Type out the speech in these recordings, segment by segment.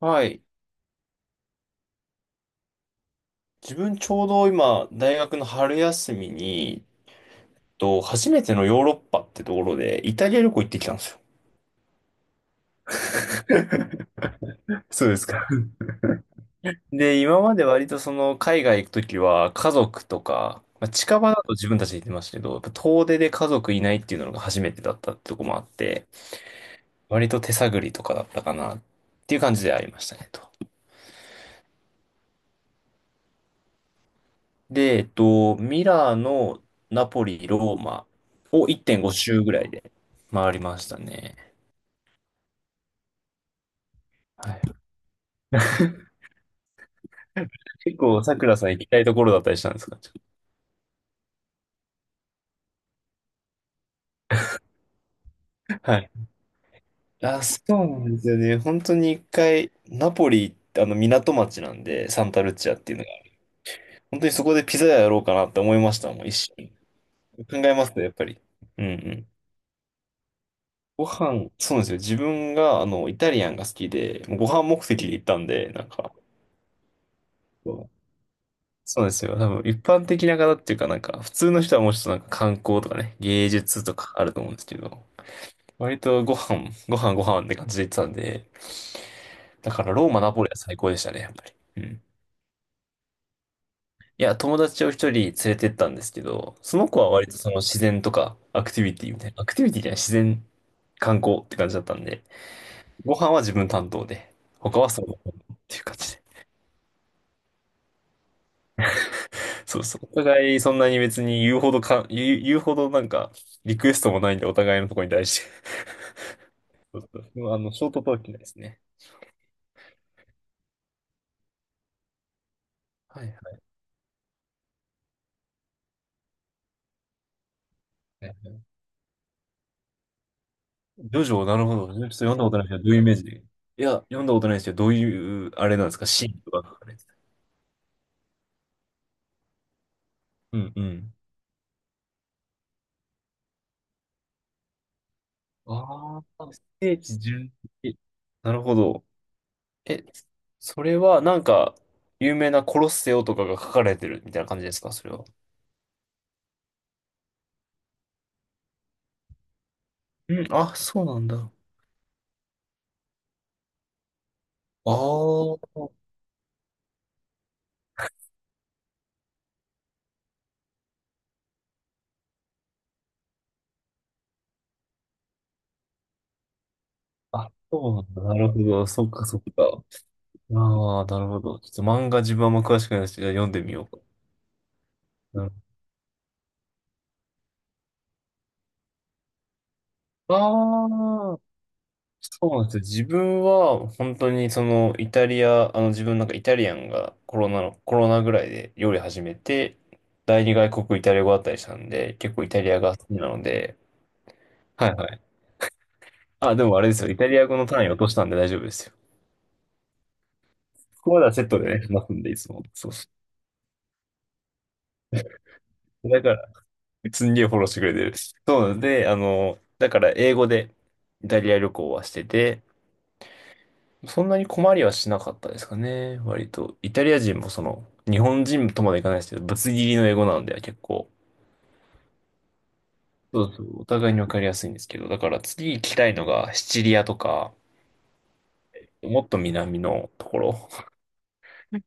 はい。自分ちょうど今、大学の春休みに、初めてのヨーロッパってところで、イタリア旅行行ってきたんですよ。そうですか。で、今まで割とその、海外行くときは、家族とか、まあ、近場だと自分たちで行ってましたけど、やっぱ遠出で家族いないっていうのが初めてだったってとこもあって、割と手探りとかだったかなっていう感じでありましたね。で、ミラーのナポリ、ローマを1.5周ぐらいで回りましたね。はい。結構、さくらさん行きたいところだったりしたんですか？はい。あ、そうなんですよね。本当に一回、ナポリってあの港町なんで、サンタルッチアっていうのが、本当にそこでピザ屋やろうかなって思いましたもん、一瞬。考えますね、やっぱり。うんうん。ご飯、そうなんですよ。自分が、あの、イタリアンが好きで、もうご飯目的で行ったんで、なんか、そうそうなんですよ。多分、一般的な方っていうか、なんか、普通の人はもうちょっとなんか観光とかね、芸術とかあると思うんですけど、割とご飯、ご飯ご飯って感じで行ってたんで、だからローマ、ナポリは最高でしたね、やっぱり。うん。いや、友達を一人連れてったんですけど、その子は割とその自然とかアクティビティみたいな、アクティビティじゃない、自然観光って感じだったんで、ご飯は自分担当で、他はそのっていう感じで。そうそう。お互いそんなに別に言うほどか、言うほどなんかリクエストもないんで、お互いのところに対して。そうそう。あの、ショートトークですね。はいはいはい。ジョジョ、なるほど。ちょっと読んだことないけど、どういうイメージで？いや、読んだことないですけど、どういう、あれなんですか、シーンとか。うんうん。ああ、ステージ順。なるほど。え、それはなんか、有名なコロッセオとかが書かれてるみたいな感じですか、それは。うん、あ、そうなんだ。あー、あ、そうなんだ。なるほど。そっかそっか。ああ、なるほど。ちょっと漫画自分はあんま詳しくないですけど、読んでみようか。なるほど。ああ。そうなんですよ。自分は本当にそのイタリア、あの自分なんかイタリアンがコロナの、コロナぐらいで料理始めて、第二外国イタリア語だったりしたんで、結構イタリアが好きなので、はいはい。あ、でもあれですよ。イタリア語の単位落としたんで大丈夫ですよ。ここまではセットでね、話すんでいつも。そうそう。だから、すんげえフォローしてくれてる。そうなんで、あの、だから英語でイタリア旅行はしてて、そんなに困りはしなかったですかね。割と。イタリア人もその、日本人とまでいかないですけど、ぶつ切りの英語なんで結構、そうそう、お互いにわかりやすいんですけど、だから次行きたいのがシチリアとか、もっと南のところ。うん。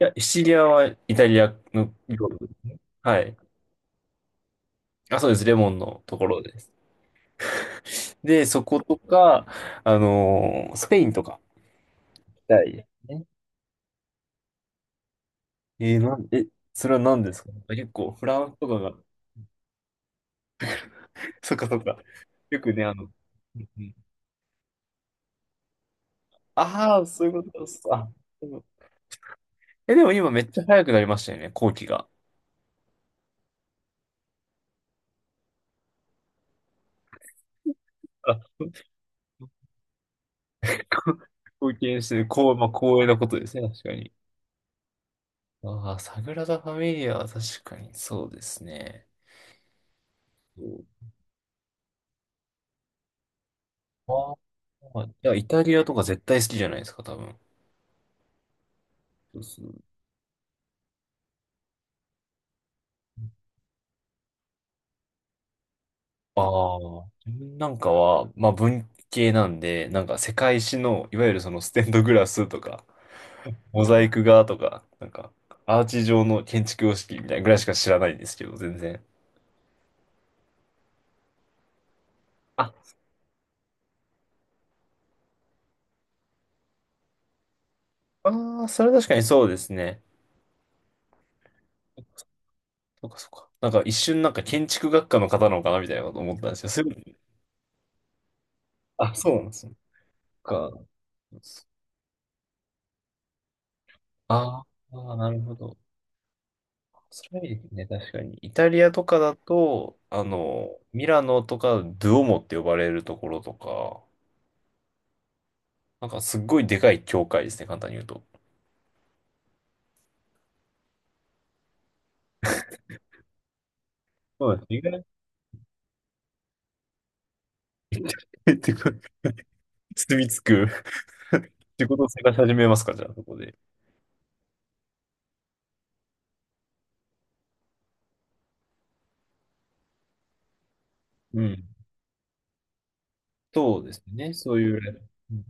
いや、シチリアはイタリアの領土。はい。あ、そうです。レモンのところです。で、そことか、スペインとか行きたいですね。えーなん、え、それは何ですか？結構、フランスとかが、そっかそっか。よくね、うんうん。ああ、そういうことですか。でもでも今めっちゃ早くなりましたよね、後期が。あ、貢献してる、こう、まあ、光栄なことですね、確かに。ああ、サグラダ・ファミリアは確かにそうですね。そう。ああ、いや、イタリアとか絶対好きじゃないですか、多分。そうそう。ああ、自分なんかは、まあ文系なんで、なんか世界史の、いわゆるそのステンドグラスとか、モザイク画とか、なんか、アーチ状の建築様式みたいなぐらいしか知らないんですけど、全然。あ、ああ、それ確かにそうですね。そっかそっか。なんか一瞬なんか建築学科の方なのかなみたいなこと思ったんですよ。そういう、あ、そうなんですね。か。ああ、なるほど。それはいいですね、確かに。イタリアとかだと、あの、ミラノとか、ドゥオモって呼ばれるところとか、なんかすっごいでかい教会ですね、簡単に言うと。そうです。意外に 住み着く。 仕事探し始めますか、じゃあ、そこで。うん。そうですね、そういう。うん。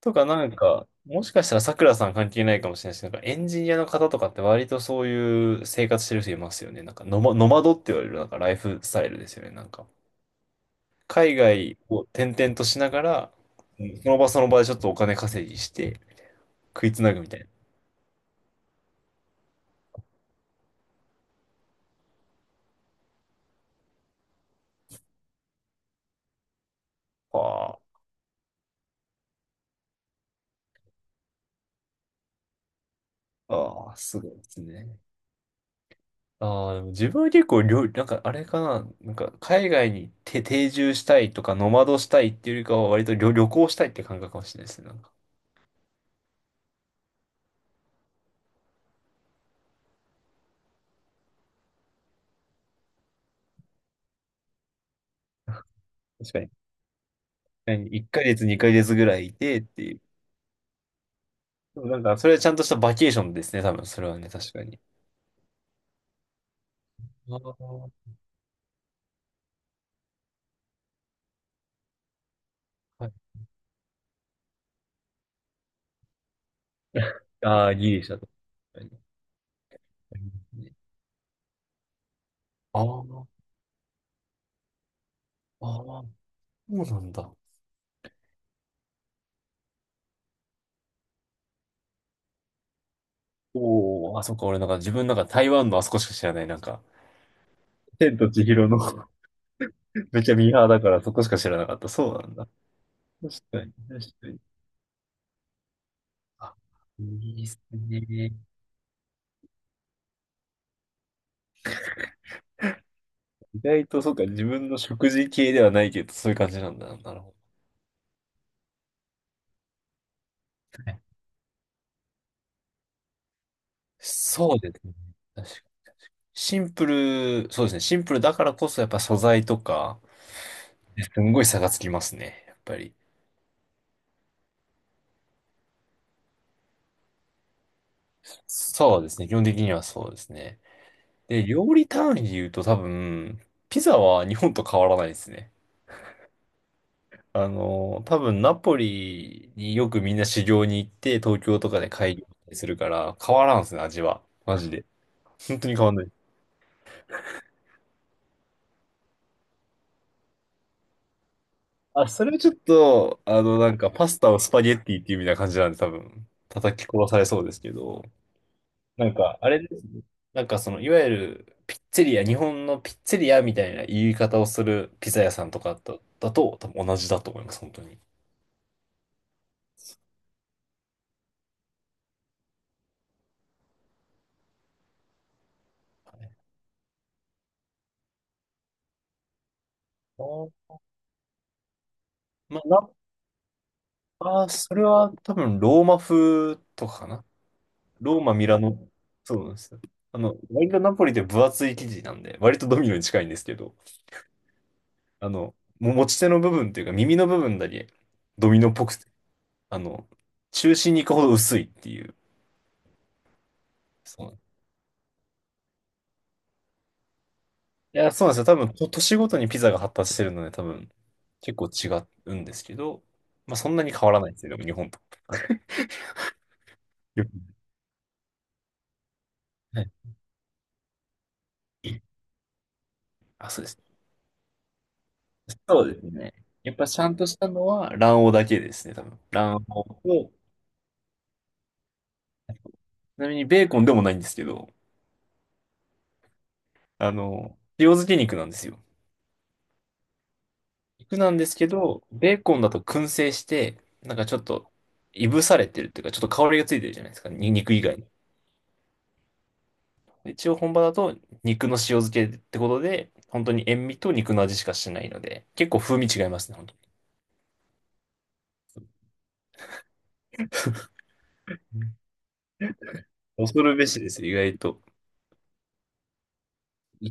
とか、なんか、もしかしたらさくらさん関係ないかもしれないし、なんかエンジニアの方とかって割とそういう生活してる人いますよね。なんかノマ、ノマドって言われるなんかライフスタイルですよね。なんか、海外を転々としながら、うん。その場その場でちょっとお金稼ぎして食いつなぐみたいな。ああ、ああ、すごいですね。ああ、でも自分は結構料理、なんかあれかな、なんか海外にて定住したいとか、ノマドしたいっていうよりかは割と旅行したいって感覚かもしれないですね。なんか確かに。何1ヶ月、2ヶ月ぐらいいてっていう。でもなんか、それはちゃんとしたバケーションですね、多分、それはね、確かに。あー、はい。ああ、ギリシャとか。確かに。あー、あー、そうなんだ。おお、あ、そっか、俺なんか自分なんか台湾のあそこしか知らない、なんか。天と千尋の、 めっちゃミーハーだからそこしか知らなかった。そうなんだ。確かに、確かに。あ、いいですね。意外と、そうか、自分の食事系ではないけど、そういう感じなんだな。なるほど。ね。そうですね。確かに。シンプル、そうですね。シンプルだからこそ、やっぱ素材とか、ね。すんごい差がつきますね。やっぱり。そうですね。基本的にはそうですね。で、料理単位で言うと多分、ピザは日本と変わらないですね。あの、多分ナポリによくみんな修行に行って、東京とかで会議するから、変わらんすね、味は。マジで。本当に変わんない。あ、それはちょっと、あの、なんか、パスタをスパゲッティっていうみたいな感じなんで、多分、叩き殺されそうですけど、なんか、あれですね。なんか、その、いわゆる、ピッツェリア、日本のピッツェリアみたいな言い方をするピザ屋さんとかだと、多分同じだと思います、本当に。あー、まあ、な、あー、それは多分、ローマ風とかかな。ローマ、ミラノ、そうなんですよ。あの、割とナポリって分厚い生地なんで、割とドミノに近いんですけど、あの、持ち手の部分というか耳の部分だけドミノっぽくて、あの、中心に行くほど薄いっていう。そうなんいや、そうなんですよ。多分、都市ごとにピザが発達してるので、多分、結構違うんですけど、まあ、そんなに変わらないですよ、でも日本と。よく。はい。あ、そうです。そうですね。やっぱちゃんとしたのは卵黄だけですね、多分。卵黄と、ちなみにベーコンでもないんですけど、あの、塩漬け肉なんですよ。肉なんですけど、ベーコンだと燻製して、なんかちょっと、いぶされてるっていうか、ちょっと香りがついてるじゃないですか、肉以外に。で一応本場だと肉の塩漬けってことで、本当に塩味と肉の味しかしないので、結構風味違いますね、本当に。うん。恐るべしですよ、意外と。い